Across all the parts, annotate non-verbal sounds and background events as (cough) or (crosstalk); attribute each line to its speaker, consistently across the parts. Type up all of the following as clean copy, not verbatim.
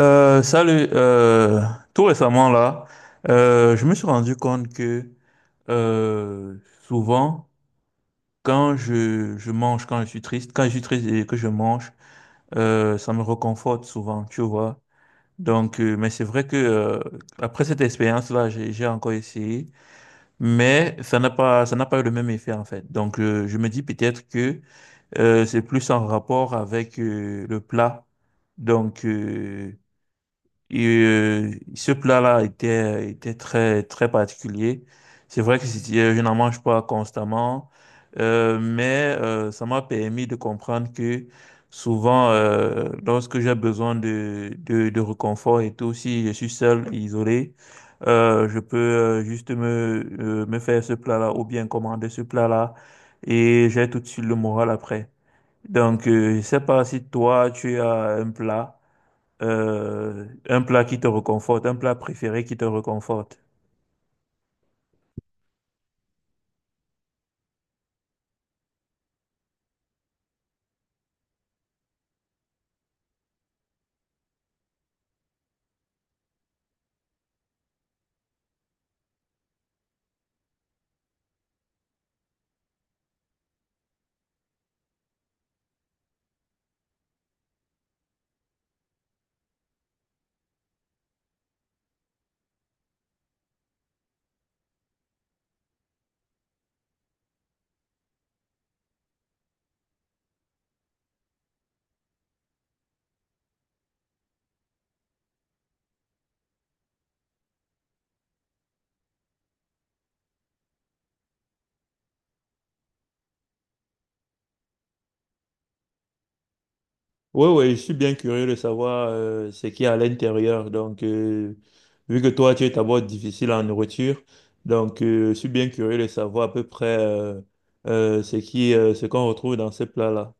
Speaker 1: Salut, tout récemment là, je me suis rendu compte que euh, souvent, quand je mange, quand je suis triste, quand je suis triste et que je mange, ça me réconforte souvent, tu vois. Donc, mais c'est vrai que après cette expérience-là, j'ai encore essayé, mais ça n'a pas eu le même effet en fait. Donc, je me dis peut-être que c'est plus en rapport avec le plat. Donc, euh, Et ce plat-là était très, très particulier. C'est vrai que je n'en mange pas constamment, mais ça m'a permis de comprendre que souvent, lorsque j'ai besoin de réconfort et tout, si je suis seul, isolé, je peux juste me faire ce plat-là ou bien commander ce plat-là, et j'ai tout de suite le moral après. Donc, je sais pas si toi, tu as un plat qui te reconforte, un plat préféré qui te reconforte. Oui, oui, je suis bien curieux de savoir ce qu'il y a à l'intérieur. Donc, vu que toi, tu es d'abord difficile en nourriture, donc je suis bien curieux de savoir à peu près ce ce qu'on retrouve dans ces plats-là.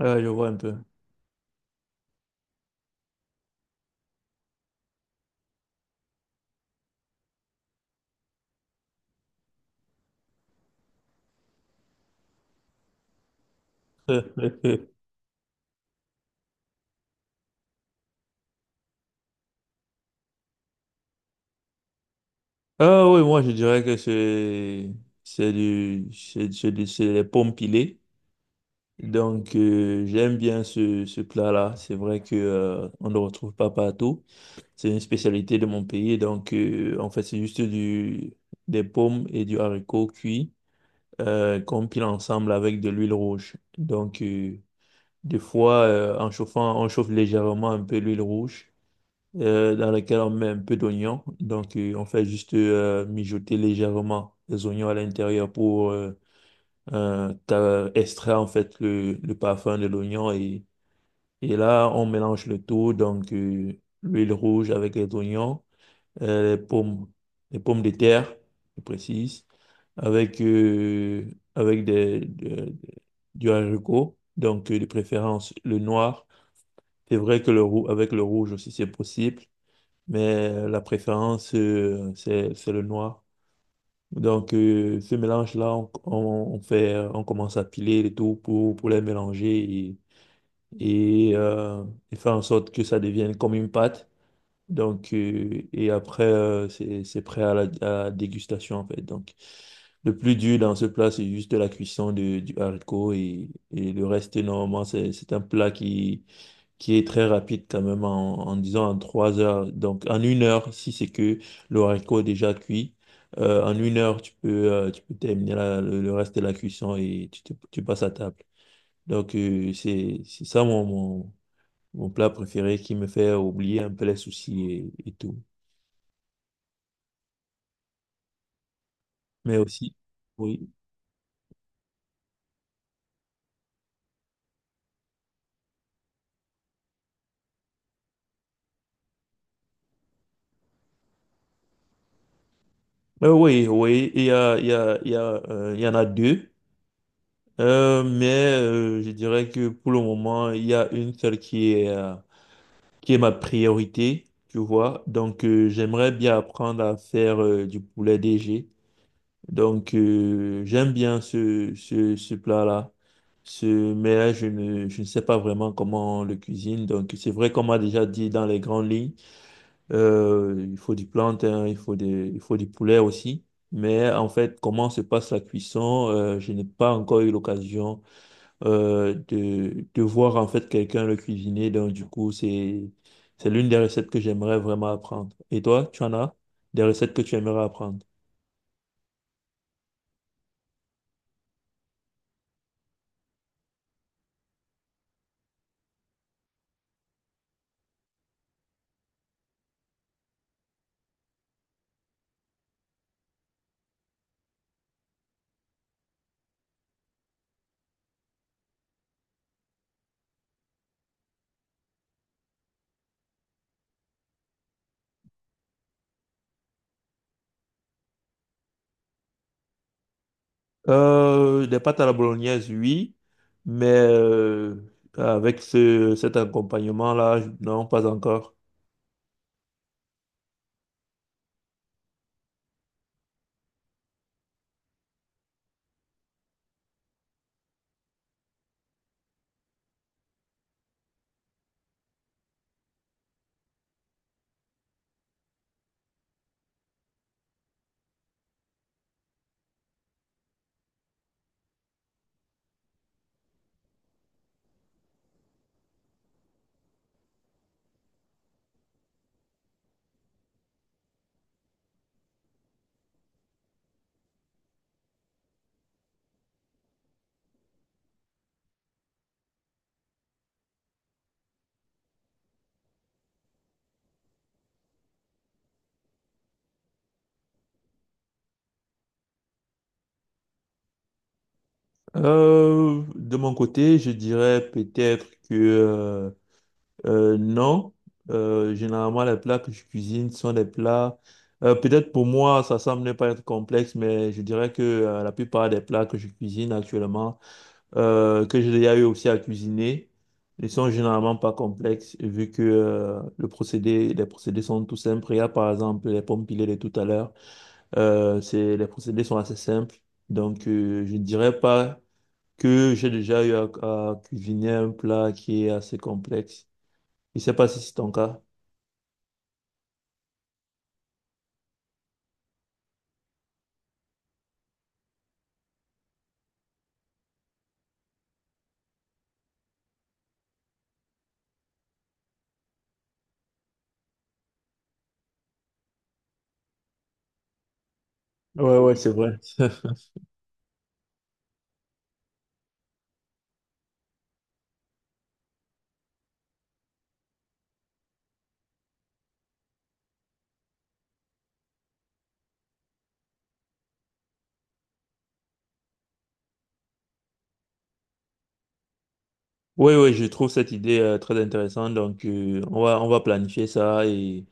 Speaker 1: Ah, je vois un peu. (laughs) Ah oui, moi, je dirais que c'est des pommes pilées. Donc, j'aime bien ce plat-là. C'est vrai que on ne le retrouve pas partout. C'est une spécialité de mon pays. Donc, en fait, c'est juste des pommes et du haricot cuit qu'on pile ensemble avec de l'huile rouge. Donc, des fois, en chauffant, on chauffe légèrement un peu l'huile rouge dans laquelle on met un peu d'oignon. Donc, on fait juste mijoter légèrement les oignons à l'intérieur pour extraire en fait le parfum de l'oignon, et là, on mélange le tout, donc l'huile rouge avec les oignons, euh, les pommes, les pommes de terre, je précise, avec, euh, avec du haricot, donc de préférence le noir. C'est vrai que le roux, avec le rouge aussi, c'est possible, mais la préférence, c'est le noir. Donc, ce mélange-là, on on commence à piler le tout pour les mélanger et et faire en sorte que ça devienne comme une pâte. Donc, et après, c'est prêt à à la dégustation, en fait. Donc, le plus dur dans ce plat, c'est juste du haricot, et le reste, normalement, c'est un plat qui est très rapide quand même en, en disant en trois heures. Donc, en une heure, si c'est que le haricot est déjà cuit, en une heure, tu peux terminer le reste de la cuisson et tu passes à table. Donc, c'est ça mon plat préféré qui me fait oublier un peu les soucis et tout. Mais aussi, oui. Oui, oui, il y a, il y en a deux. Mais je dirais que pour le moment, il y a une seule qui est ma priorité, tu vois. Donc, j'aimerais bien apprendre à faire du poulet DG. Donc, j'aime bien ce plat-là. Ce, mais je ne sais pas vraiment comment on le cuisine. Donc, c'est vrai qu'on m'a déjà dit dans les grandes lignes. Il faut du plantain, il faut du poulet aussi. Mais en fait, comment se passe la cuisson, je n'ai pas encore eu l'occasion de voir en fait quelqu'un le cuisiner. Donc du coup, c'est l'une des recettes que j'aimerais vraiment apprendre. Et toi, tu en as des recettes que tu aimerais apprendre? Des pâtes à la bolognaise, oui, mais avec cet accompagnement-là, non, pas encore. De mon côté, je dirais peut-être que non. Généralement, les plats que je cuisine sont des plats. Peut-être pour moi, ça semble ne pas être complexe, mais je dirais que la plupart des plats que je cuisine actuellement, que j'ai déjà eu aussi à cuisiner, ne sont généralement pas complexes vu que le procédé, les procédés sont tout simples. Il y a par exemple les pommes pilées de tout à l'heure. C'est, les procédés sont assez simples. Donc, je ne dirais pas que j'ai déjà eu à cuisiner un plat qui est assez complexe. Je ne sais pas si c'est ton cas. Ouais, ouais, c'est vrai. (laughs) Oui, oui, je trouve cette idée très intéressante. Donc, on va planifier ça. Et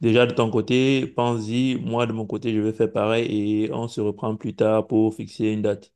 Speaker 1: déjà, de ton côté, pense-y. Moi, de mon côté, je vais faire pareil et on se reprend plus tard pour fixer une date.